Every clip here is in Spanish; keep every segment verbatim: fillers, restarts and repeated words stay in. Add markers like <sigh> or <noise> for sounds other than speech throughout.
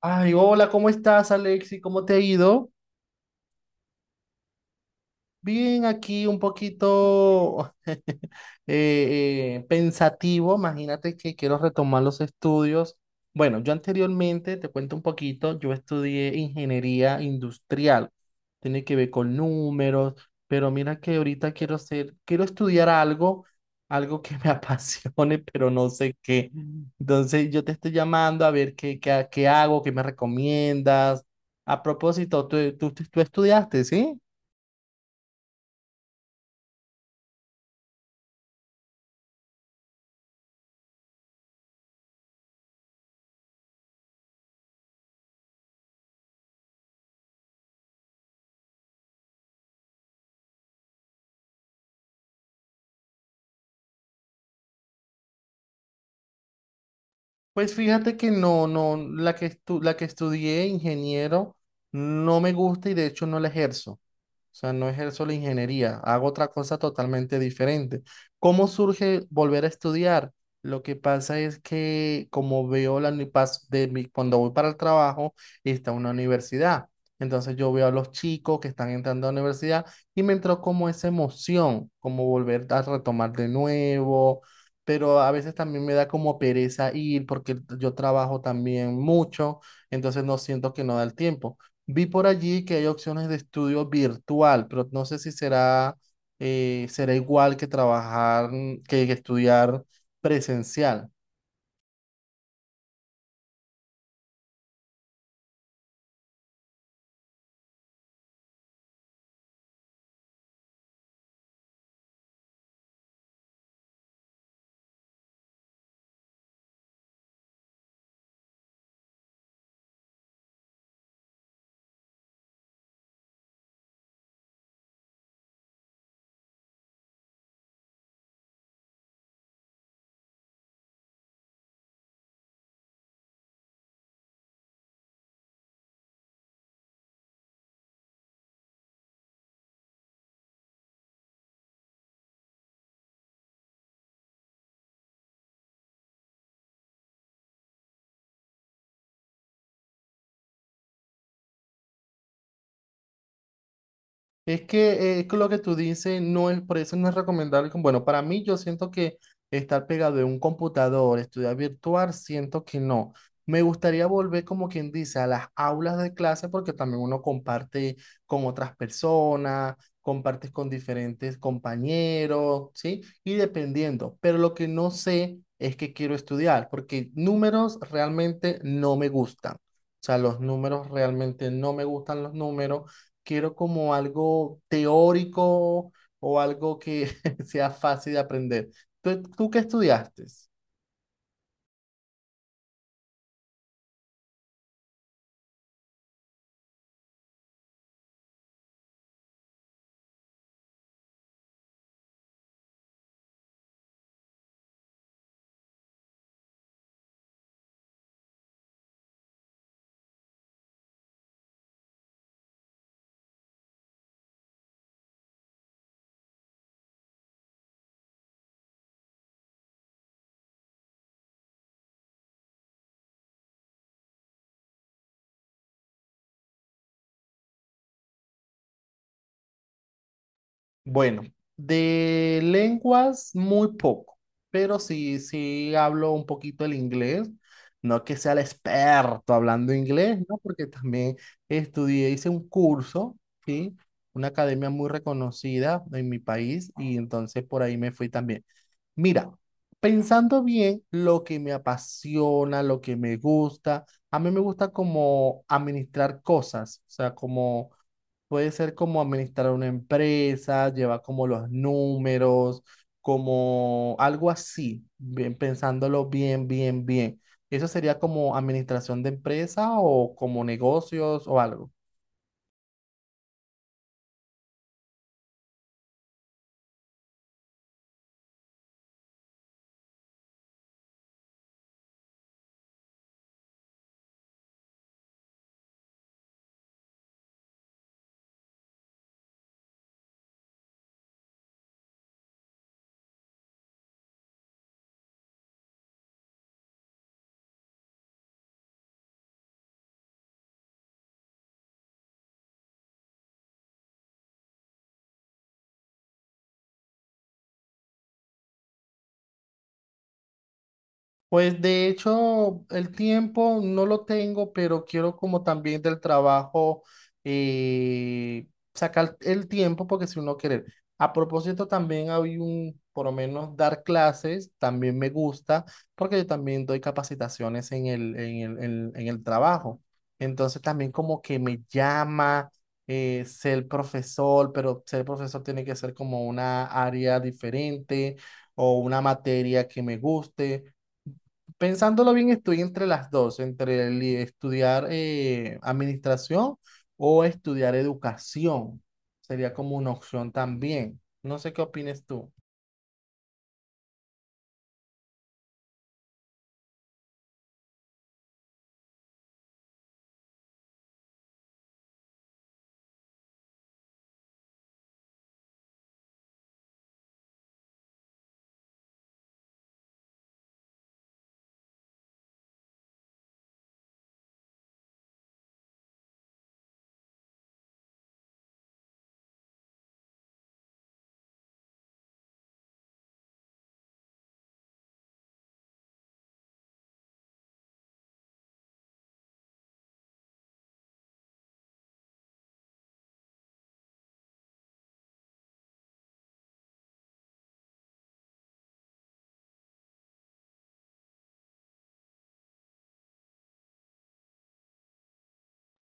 Ay, hola, ¿cómo estás, Alexi? ¿Cómo te ha ido? Bien, aquí un poquito <laughs> eh, eh, pensativo, imagínate que quiero retomar los estudios. Bueno, yo anteriormente, te cuento un poquito, yo estudié ingeniería industrial, tiene que ver con números, pero mira que ahorita quiero ser, quiero estudiar algo, algo que me <laughs> apasione, pero no sé qué. Entonces yo te estoy llamando a ver qué, qué, qué hago, qué me recomiendas. A propósito, tú, tú, tú estudiaste, ¿sí? Pues fíjate que no, no, la que estu- la que estudié ingeniero no me gusta y de hecho no la ejerzo. O sea, no ejerzo la ingeniería, hago otra cosa totalmente diferente. ¿Cómo surge volver a estudiar? Lo que pasa es que como veo la uni- pas- de mi- cuando voy para el trabajo, está una universidad. Entonces yo veo a los chicos que están entrando a la universidad y me entró como esa emoción, como volver a retomar de nuevo, pero a veces también me da como pereza ir porque yo trabajo también mucho, entonces no siento que no da el tiempo. Vi por allí que hay opciones de estudio virtual, pero no sé si será, eh, será igual que trabajar, mm, que que estudiar presencial. Es que, eh, lo que tú dices no es, por eso no es recomendable. como- Bueno, para mí yo siento que estar pegado de un computador, estudiar virtual, siento que no. Me gustaría volver, como quien dice, a las aulas de clase porque también uno comparte con otras personas, compartes con diferentes compañeros, ¿sí? Y dependiendo. Pero lo que no sé es que quiero estudiar porque números realmente no me gustan. O sea, los números realmente no me gustan los números, quiero como algo teórico o algo que <laughs> sea fácil de aprender. ¿Tú, tú qué estudiaste? Bueno, de lenguas muy poco, pero sí, sí hablo un poquito el inglés. No que sea el experto hablando inglés, ¿no? Porque también estudié, hice un curso, ¿sí? Una academia muy reconocida en mi país y entonces por ahí me fui también. Mira, pensando bien lo que me apasiona, lo que me gusta, a mí me gusta como administrar cosas, o sea, como puede ser como administrar una empresa, llevar como los números, como algo así, bien pensándolo bien, bien, bien. ¿Eso sería como administración de empresa o como negocios o algo? Pues de hecho, el tiempo no lo tengo, pero quiero como también del trabajo eh, sacar el tiempo porque si uno quiere. A propósito, también hay un, por lo menos dar clases, también me gusta porque yo también doy capacitaciones en el, en el, en- en el trabajo. Entonces también como que me llama eh, ser profesor, pero ser profesor tiene que ser como una área diferente o una materia que me guste. Pensándolo bien, estoy entre las dos, entre el estudiar eh, administración o estudiar educación. Sería como una opción también. No sé qué opines tú.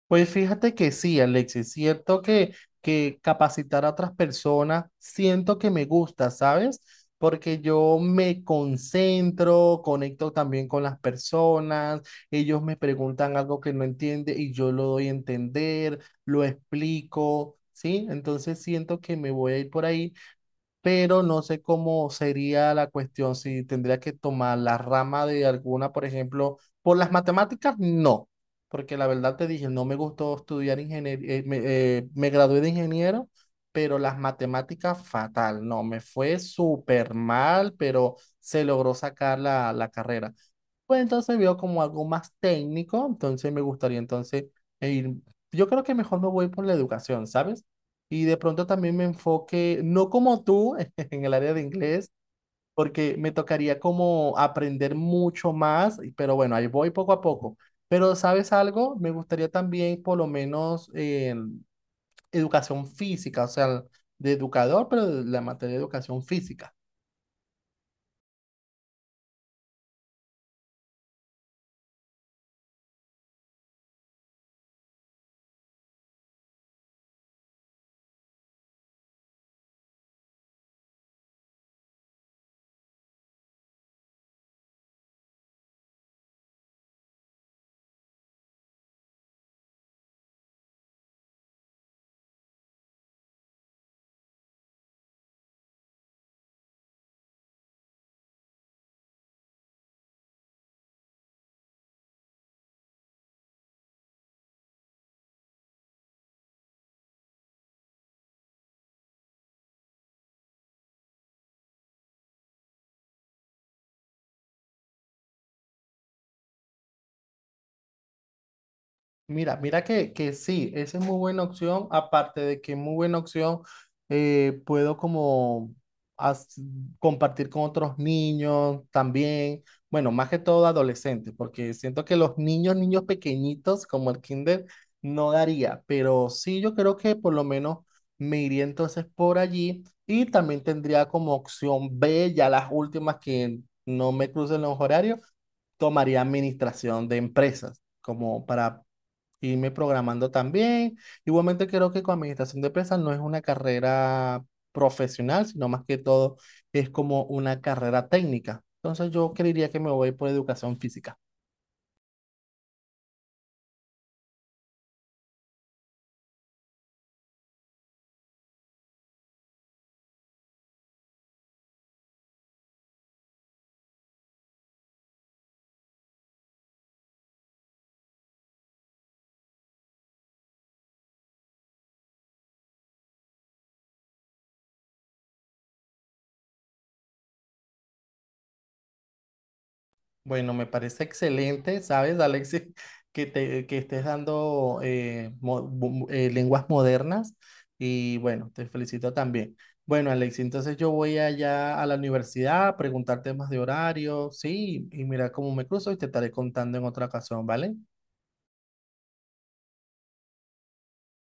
Pues fíjate que sí, Alexis, siento que, que capacitar a otras personas, siento que me gusta, ¿sabes? Porque yo me concentro, conecto también con las personas, ellos me preguntan algo que no entiende y yo lo doy a entender, lo explico, ¿sí? Entonces siento que me voy a ir por ahí, pero no sé cómo sería la cuestión, si tendría que tomar la rama de alguna, por ejemplo, por las matemáticas, no, porque la verdad te dije, no me gustó estudiar ingeniería, me, eh, me gradué de ingeniero, pero las matemáticas fatal, no, me fue súper mal, pero se logró sacar la, la carrera. Pues entonces veo como algo más técnico, entonces me gustaría entonces eh, ir, yo creo que mejor me voy por la educación, ¿sabes? Y de pronto también me enfoque, no como tú, <laughs> en el área de inglés, porque me tocaría como aprender mucho más, y- pero bueno, ahí voy poco a poco. Pero ¿sabes algo? Me gustaría también por lo menos eh, educación física, o sea, de educador, pero de la materia de educación física. Mira, mira que, que sí, esa es muy buena opción, aparte de que es muy buena opción, eh, puedo como as- compartir con otros niños también, bueno, más que todo adolescentes, porque siento que los niños, niños pequeñitos como el kinder, no daría, pero sí yo creo que por lo menos me iría entonces por allí y también tendría como opción be, ya las últimas que no me crucen los horarios, tomaría administración de empresas, como para irme programando también. Igualmente creo que con administración de empresas no es una carrera profesional, sino más que todo es como una carrera técnica. Entonces yo creería que me voy por educación física. Bueno, me parece excelente, ¿sabes, Alexis? <laughs> Que, te, que estés dando eh, mo- bu- bu- eh, lenguas modernas y bueno, te felicito también. Bueno, Alexis, entonces yo voy allá a la universidad a preguntar temas de horario, sí, y mira cómo me cruzo y te estaré contando en otra ocasión, ¿vale?